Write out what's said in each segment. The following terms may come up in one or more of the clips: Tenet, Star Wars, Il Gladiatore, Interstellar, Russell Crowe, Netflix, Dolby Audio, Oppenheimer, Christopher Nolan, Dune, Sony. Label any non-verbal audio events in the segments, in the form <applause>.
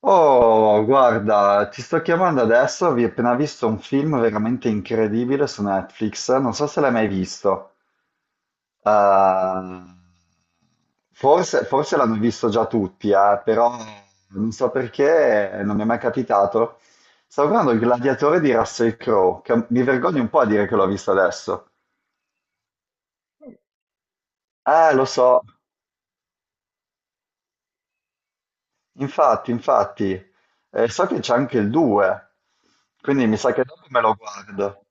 Oh, guarda, ti sto chiamando adesso, ho appena visto un film veramente incredibile su Netflix, non so se l'hai mai visto. Eh, forse l'hanno visto già tutti, però non so perché, non mi è mai capitato. Stavo guardando Il Gladiatore di Russell Crowe, che mi vergogno un po' a dire che l'ho visto adesso. Lo so, infatti. So che c'è anche il 2, quindi mi sa che dopo me lo guardo.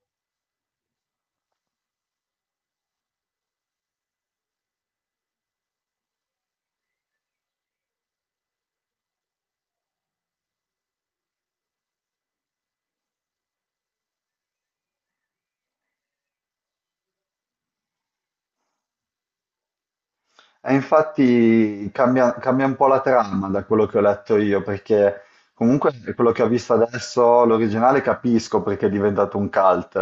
E infatti cambia, un po' la trama da quello che ho letto io, perché comunque quello che ho visto adesso, l'originale capisco perché è diventato un cult.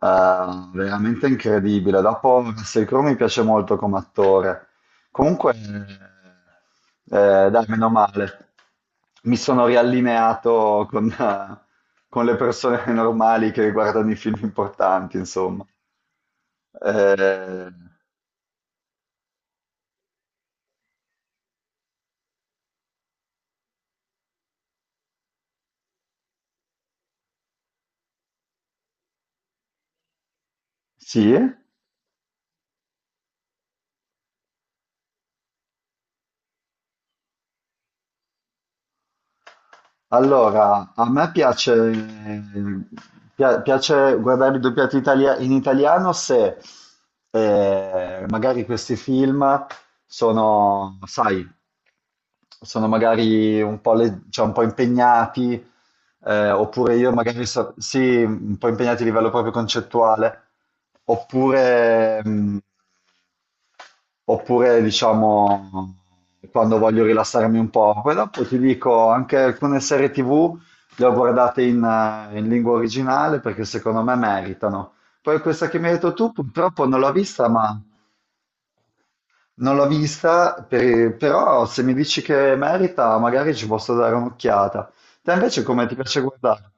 Veramente incredibile. Dopo, Russell Crowe mi piace molto come attore. Comunque, dai, meno male. Mi sono riallineato con, <laughs> con le persone normali che guardano i film importanti, insomma. Eh, sì? Allora, a me piace, piace guardare i doppiati in italiano se magari questi film sono, sai, sono magari un po', cioè un po' impegnati, oppure io magari sì, un po' impegnati a livello proprio concettuale, oppure, oppure diciamo quando voglio rilassarmi un po'. Poi dopo ti dico, anche alcune serie TV le ho guardate in lingua originale perché secondo me meritano. Poi questa che mi hai detto tu, purtroppo non l'ho vista, ma non l'ho vista, però se mi dici che merita, magari ci posso dare un'occhiata. Te invece come ti piace guardare?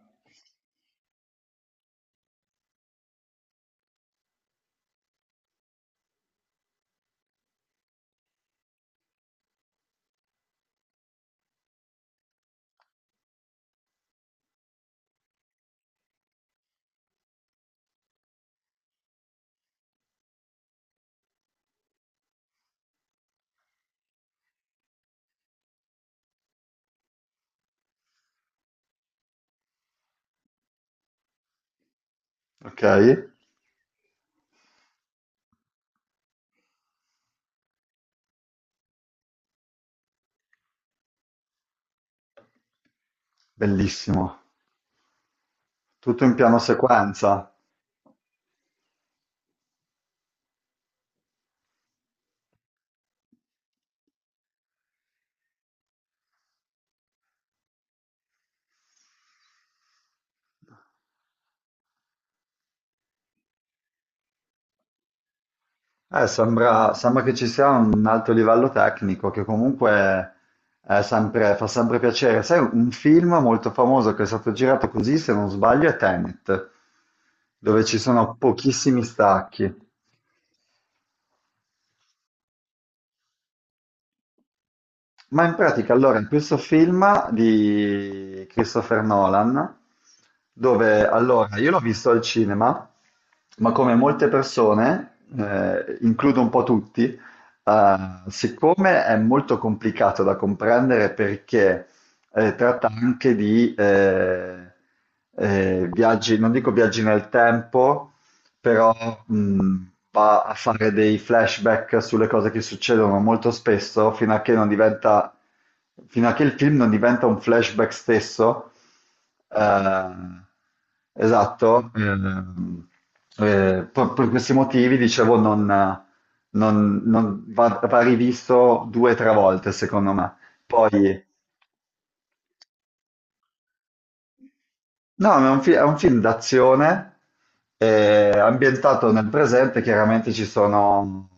Ok, bellissimo. Tutto in piano sequenza. Sembra che ci sia un alto livello tecnico che comunque fa sempre piacere. Sai, un film molto famoso che è stato girato così, se non sbaglio, è Tenet, dove ci sono pochissimi stacchi. Ma in pratica, allora, in questo film di Christopher Nolan, dove allora io l'ho visto al cinema, ma come molte persone, includo un po' tutti. Siccome è molto complicato da comprendere perché tratta anche di viaggi, non dico viaggi nel tempo, però mh, va a fare dei flashback sulle cose che succedono molto spesso fino a che il film non diventa un flashback stesso. Eh, esatto. Per questi motivi, dicevo, va rivisto due o tre volte, secondo me. Poi, no, è un film d'azione ambientato nel presente, chiaramente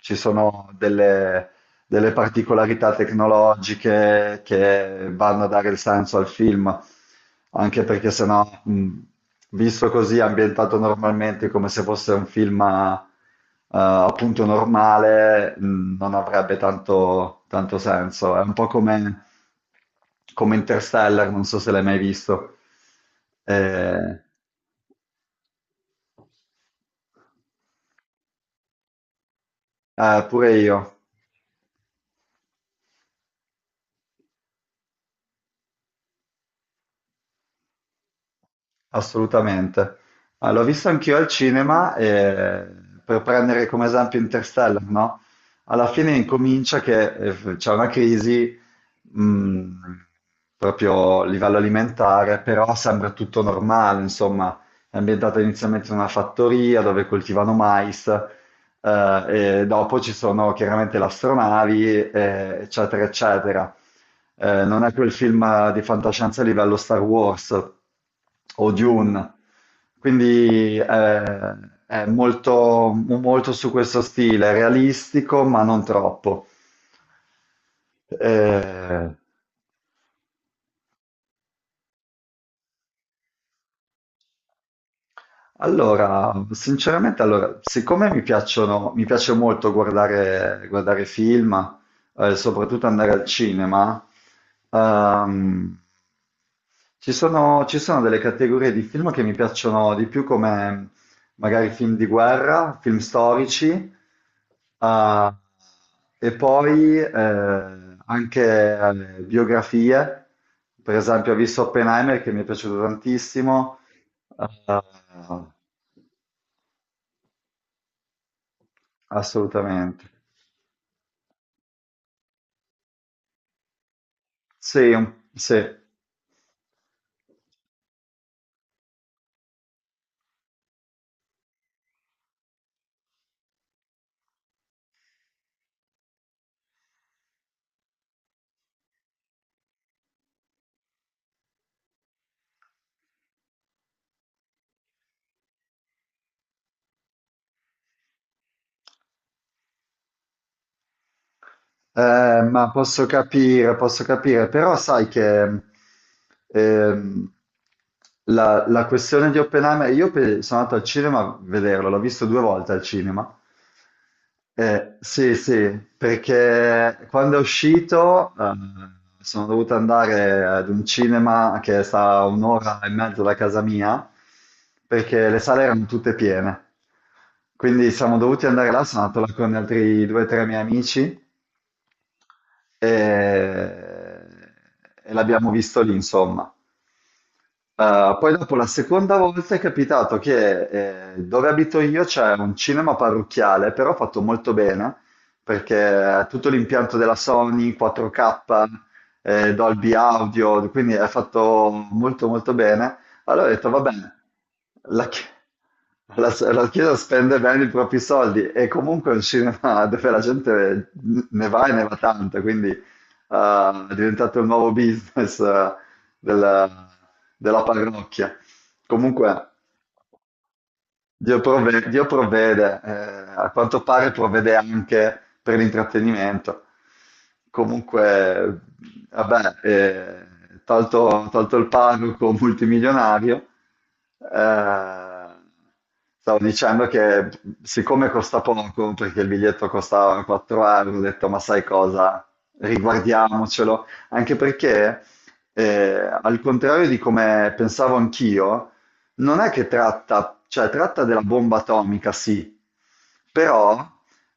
ci sono delle particolarità tecnologiche che vanno a dare il senso al film, anche perché sennò, visto così, ambientato normalmente come se fosse un film appunto normale, non avrebbe tanto senso. È un po' come, come Interstellar, non so se l'hai mai visto. Eh, pure io. Assolutamente. Ah, l'ho visto anch'io al cinema, e, per prendere come esempio Interstellar, no? Alla fine incomincia che c'è una crisi, mh, proprio a livello alimentare, però sembra tutto normale, insomma, è ambientata inizialmente in una fattoria dove coltivano mais, e dopo ci sono chiaramente le astronavi, eccetera, eccetera. Non è quel film di fantascienza a livello Star Wars o Dune, quindi è molto su questo stile, realistico ma non troppo. Eh, Allora, sinceramente, allora, siccome mi piacciono, mi piace molto guardare, guardare film, soprattutto andare al cinema, ehm, ci sono delle categorie di film che mi piacciono di più, come magari film di guerra, film storici, eh, e poi anche biografie. Per esempio, ho visto Oppenheimer che mi è piaciuto tantissimo. Ah, assolutamente. Sì, sì. Ma posso posso capire, però sai che ehm, la questione di Oppenheimer, io sono andato al cinema a vederlo, l'ho visto due volte al cinema. Sì, sì, perché quando è uscito sono dovuto andare ad un cinema che sta a un'ora e mezzo da casa mia, perché le sale erano tutte piene. Quindi siamo dovuti andare là, sono andato là con altri due o tre miei amici e, e l'abbiamo visto lì, insomma. Poi dopo la seconda volta è capitato che dove abito io c'è un cinema parrocchiale, però fatto molto bene, perché è tutto l'impianto della Sony, 4K, Dolby Audio, quindi è fatto molto molto bene. Allora ho detto, va bene, la, chi- <laughs> la Chiesa spende bene i propri soldi e comunque è un cinema <laughs> dove la gente ne va e ne va tanto, quindi è diventato il nuovo business della, della parrocchia. Comunque, Dio provvede, a quanto pare provvede anche per l'intrattenimento. Comunque, vabbè, tolto il parroco multimilionario, eh, stavo dicendo che siccome costa poco, perché il biglietto costava 4 euro, ho detto, ma sai cosa, riguardiamocelo, anche perché, al contrario di come pensavo anch'io, non è che tratta, cioè tratta della bomba atomica, sì, però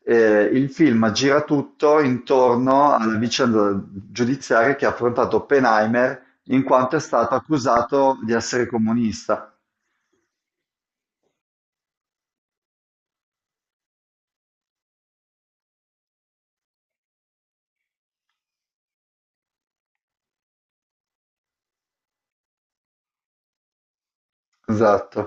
il film gira tutto intorno alla vicenda giudiziaria che ha affrontato Oppenheimer in quanto è stato accusato di essere comunista. Esatto,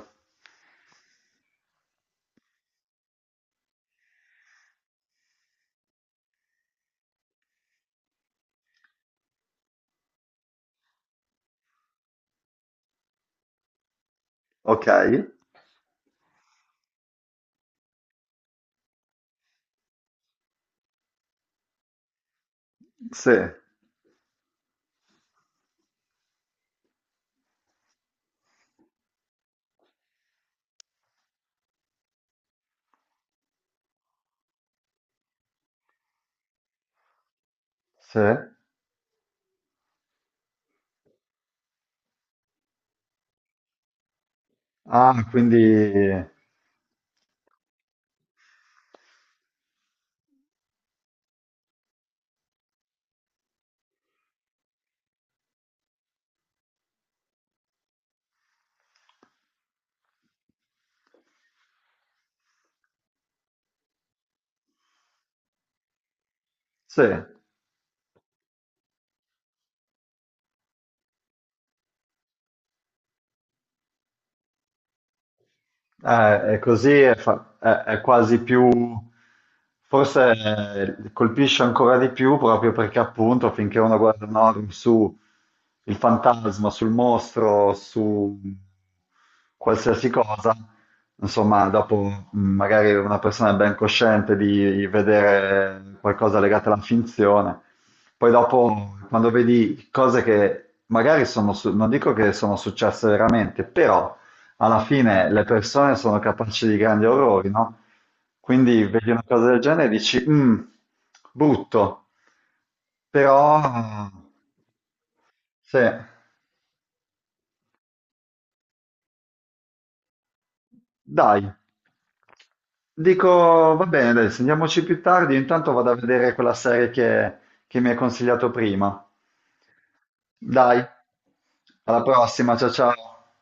ok? Sì, sì. Ah, quindi sì. È così, è quasi più, forse colpisce ancora di più proprio perché appunto finché uno guarda un horror su il fantasma, sul mostro, su qualsiasi cosa, insomma, dopo magari una persona è ben cosciente di vedere qualcosa legato alla finzione, poi dopo quando vedi cose che magari non dico che sono successe veramente, però alla fine le persone sono capaci di grandi orrori, no? Quindi vedi una cosa del genere e dici, "Mm, brutto, però se dai, dico, va bene, dai, sentiamoci più tardi, io intanto vado a vedere quella serie che mi hai consigliato prima. Dai, alla prossima, ciao ciao.